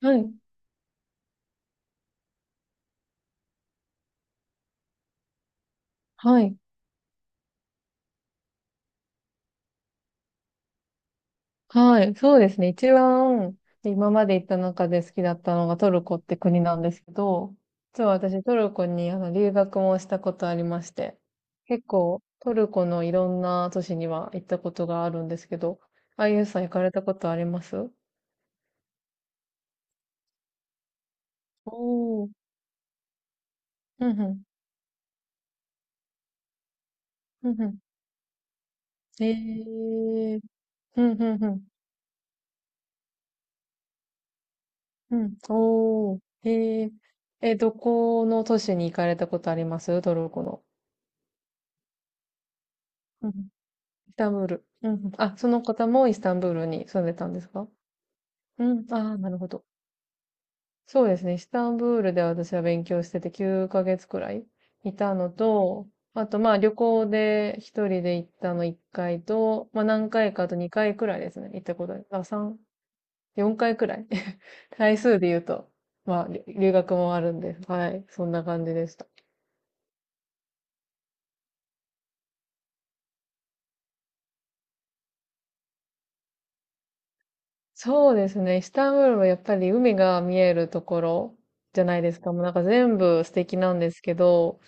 はい、はい、はい、そうですね。一番今まで行った中で好きだったのがトルコって国なんですけど、実は私トルコに留学もしたことありまして、結構トルコのいろんな都市には行ったことがあるんですけど、あゆうさん行かれたことあります？おー、うんうん、うんうん。えー、うんうんうん、うん、おー、えー、え、どこの都市に行かれたことあります？トルコの。イスタンブール。うんうん。あ、その方もイスタンブールに住んでたんですか？うん。ああ、なるほど。そうですね。イスタンブールで私は勉強してて9ヶ月くらいいたのと、あとまあ旅行で一人で行ったの1回と、まあ何回かあと2回くらいですね。行ったことある。あ、3、4回くらい。回数で言うと、まあり留学もあるんで、はい。そんな感じでした。そうですね。イスタンブールはやっぱり海が見えるところじゃないですか。もうなんか全部素敵なんですけど、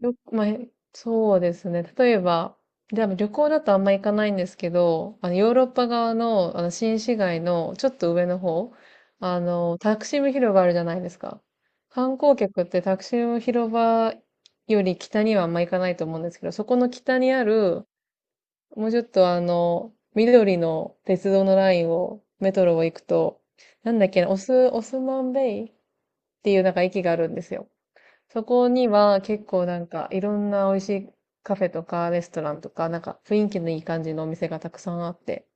よく、まあ、へそうですね。例えば、で旅行だとあんま行かないんですけど、ヨーロッパ側の、新市街のちょっと上の方、タクシム広場あるじゃないですか。観光客ってタクシム広場より北にはあんま行かないと思うんですけど、そこの北にあるもうちょっと緑の鉄道のラインを、メトロを行くと、なんだっけな、オスマンベイっていうなんか駅があるんですよ。そこには結構なんかいろんな美味しいカフェとかレストランとか、なんか雰囲気のいい感じのお店がたくさんあって、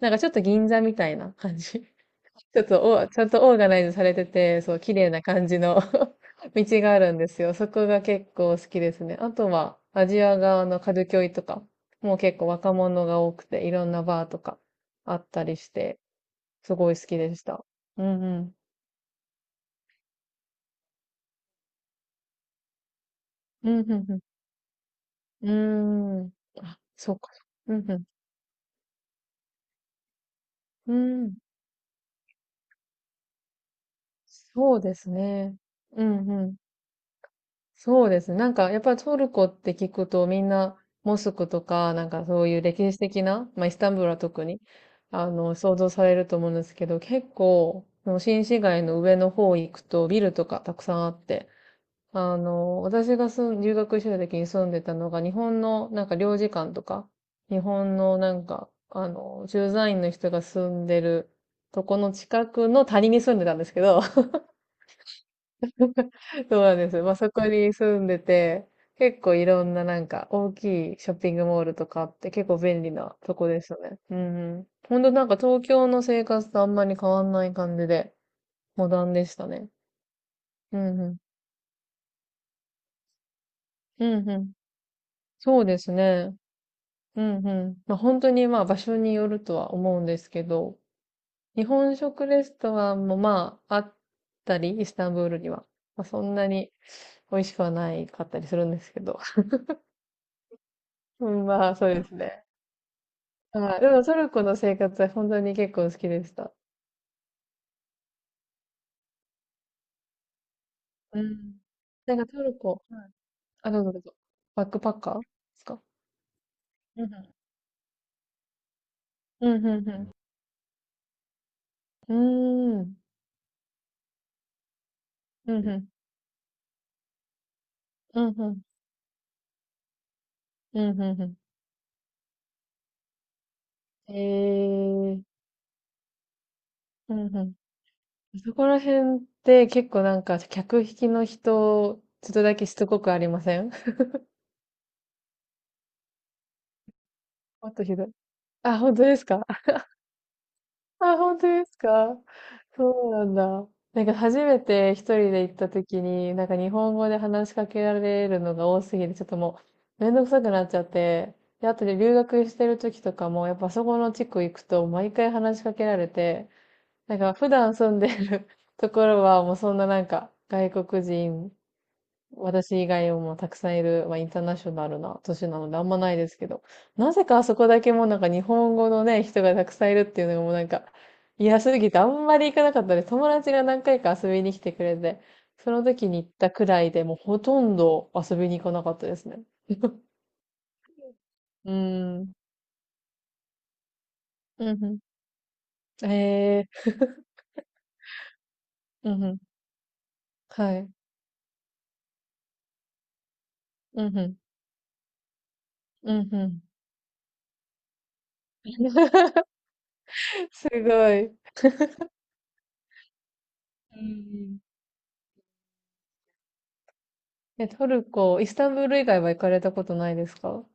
なんかちょっと銀座みたいな感じ。ちょっとお、ちゃんとオーガナイズされてて、そう、綺麗な感じの 道があるんですよ。そこが結構好きですね。あとは、アジア側のカルキョイとか、もう結構若者が多くて、いろんなバーとかあったりして、すごい好きでした。うんうん。うんうんうん。うーん。あ、そうか。うんうん。うーん。そうですね。うんうん。そうですね。なんか、やっぱりトルコって聞くと、みんな、モスクとか、なんかそういう歴史的な、まあ、イスタンブールは特に、想像されると思うんですけど、結構、その新市街の上の方行くと、ビルとかたくさんあって、私が留学してた時に住んでたのが、日本の、なんか領事館とか、日本の、なんか、駐在員の人が住んでるとこの近くの谷に住んでたんですけど、そうなんです。まあ、そこに住んでて、結構いろんななんか大きいショッピングモールとかあって結構便利なとこでしたね。うんうん。ほんとなんか東京の生活とあんまり変わんない感じで、モダンでしたね。うんうん。うんうん。そうですね。うんうん。まあ、本当にまあ場所によるとは思うんですけど、日本食レストランもまああったり、イスタンブールには。まあ、そんなに美味しくはないかったりするんですけど。うん、まあそうですね。はい。でもトルコの生活は本当に結構好きでした。うん。なんかトルコ、はい。あ、どうぞどうぞ。バックパッカーですか？うんうん、うん、うんうん。うーん。うん、うん。うん、うん。うん、うん。うん。えー。うん、うん。そこら辺って結構なんか客引きの人、ちょっとだけしつこくありません？ もっとひどい。あ、本当ですか？あ、本当ですか？そうなんだ。なんか初めて一人で行った時に、なんか日本語で話しかけられるのが多すぎて、ちょっともうめんどくさくなっちゃって、で、あとで留学してる時とかも、やっぱそこの地区行くと毎回話しかけられて、なんか普段住んでる ところはもうそんななんか外国人私以外もたくさんいる、まあ、インターナショナルな都市なのであんまないですけど、なぜかあそこだけもうなんか日本語のね、人がたくさんいるっていうのがもうなんか嫌すぎてあんまり行かなかったです。友達が何回か遊びに来てくれて、その時に行ったくらいでもうほとんど遊びに行かなかったですね。うーん。うんうん。えー、うんうん。はい。うんうん。うんうん。すごい。うんうん。え、トルコ、イスタンブール以外は行かれたことないですか？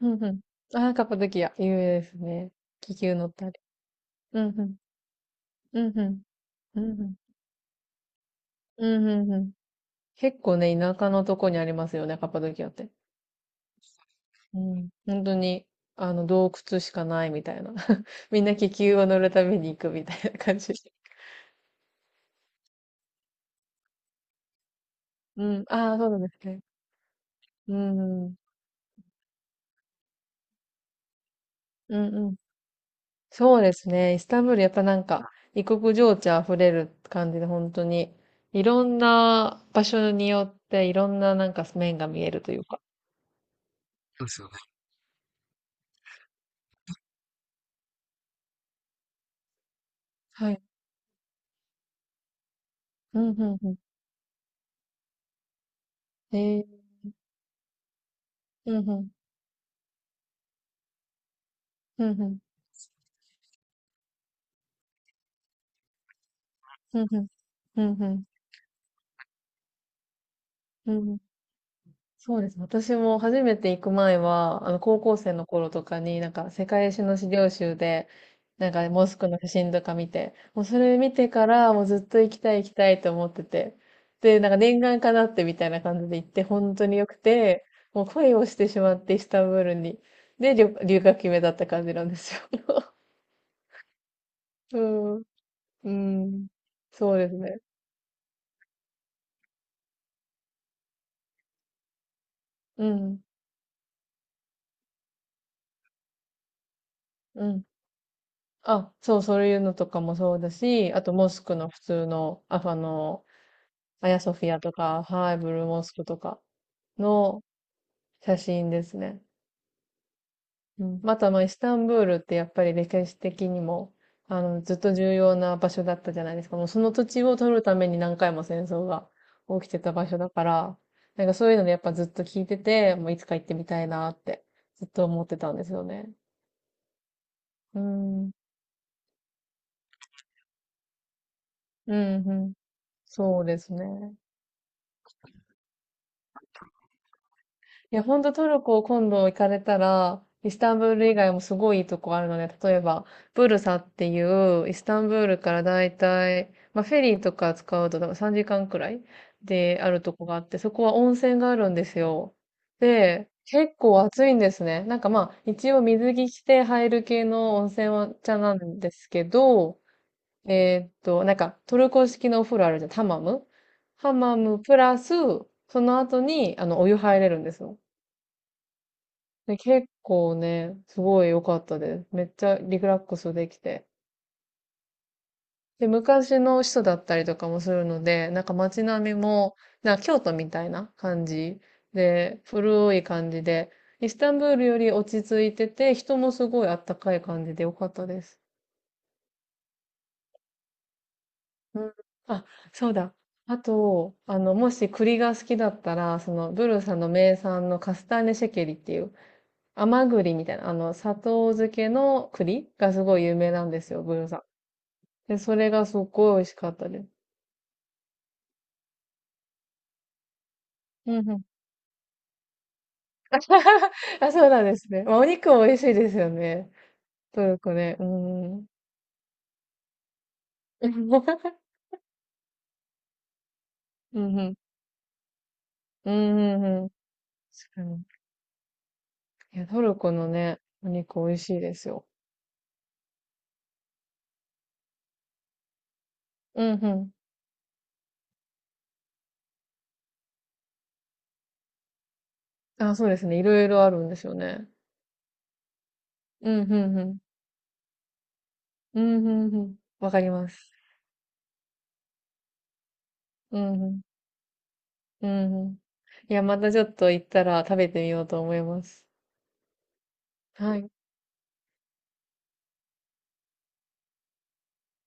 うんうん。ああ、カッパドキア、有名ですね。気球乗ったり。うんうん。うんうん。うんうん。うんうんうん。結構ね、田舎のとこにありますよね、カッパドキアって。うん。本当に、洞窟しかないみたいな。みんな気球を乗るために行くみたいな感じ。うん。ああ、そうなんですね。うん。うんうん。そうですね。イスタンブール、やっぱなんか、異国情緒あふれる感じで、本当に、いろんな場所によって、いろんななんか面が見えるというか。はい。うん、うん、うん。へえ、うん、うん、うん、うん、うん、うん、うん、うんうんうん。そうです。私も初めて行く前は、高校生の頃とかに、なんか、世界史の資料集で、なんか、モスクの写真とか見て、もうそれ見てから、もうずっと行きたい行きたいと思ってて、で、なんか、念願かなってみたいな感じで行って、本当に良くて、もう恋をしてしまって、イスタンブールに。で、留学決めだった感じなんですよ。うん、うん、そうですね。うん、うん。あ、そう、そういうのとかもそうだし、あとモスクの普通の、アヤソフィアとか、はい、ブルーモスクとかの写真ですね。うん、また、まあ、イスタンブールってやっぱり歴史的にも、ずっと重要な場所だったじゃないですか。もうその土地を取るために何回も戦争が起きてた場所だから、なんかそういうのでやっぱずっと聞いてて、もういつか行ってみたいなってずっと思ってたんですよね。うん、うん、うん。そうですね。いや、ほんとトルコ今度行かれたら、イスタンブール以外もすごいいいとこあるので、例えば、ブルサっていう、イスタンブールからだいたい、まあ、フェリーとか使うとだから3時間くらいであるとこがあって、そこは温泉があるんですよ。で、結構暑いんですね。なんかまあ、一応水着着て入る系の温泉は茶なんですけど、なんかトルコ式のお風呂あるじゃん、ハマム。ハマムプラス、その後に、お湯入れるんですよ。で、結構ね、すごい良かったです。めっちゃリラックスできて。で、昔の人だったりとかもするので、なんか街並みも、なんか京都みたいな感じで、古い感じで、イスタンブールより落ち着いてて、人もすごいあったかい感じで良かったです。うん。あ、そうだ。あと、もし栗が好きだったら、その、ブルサの名産のカスターネシェケリっていう、甘栗みたいな、砂糖漬けの栗がすごい有名なんですよ、ブルサ。で、それがすっごい美味しかったです。うんうん。あ、そうなんですね。まあ、お肉も美味しいですよね。トルコね。うん。うんうん。うんうんうん。確かに。いや、トルコのね、お肉美味しいですよ。うんうん。あ、そうですね。いろいろあるんですよね。うんうんうん。うんうんうん。わかります。うんうん。うんうん。いや、またちょっと行ったら食べてみようと思います。はい。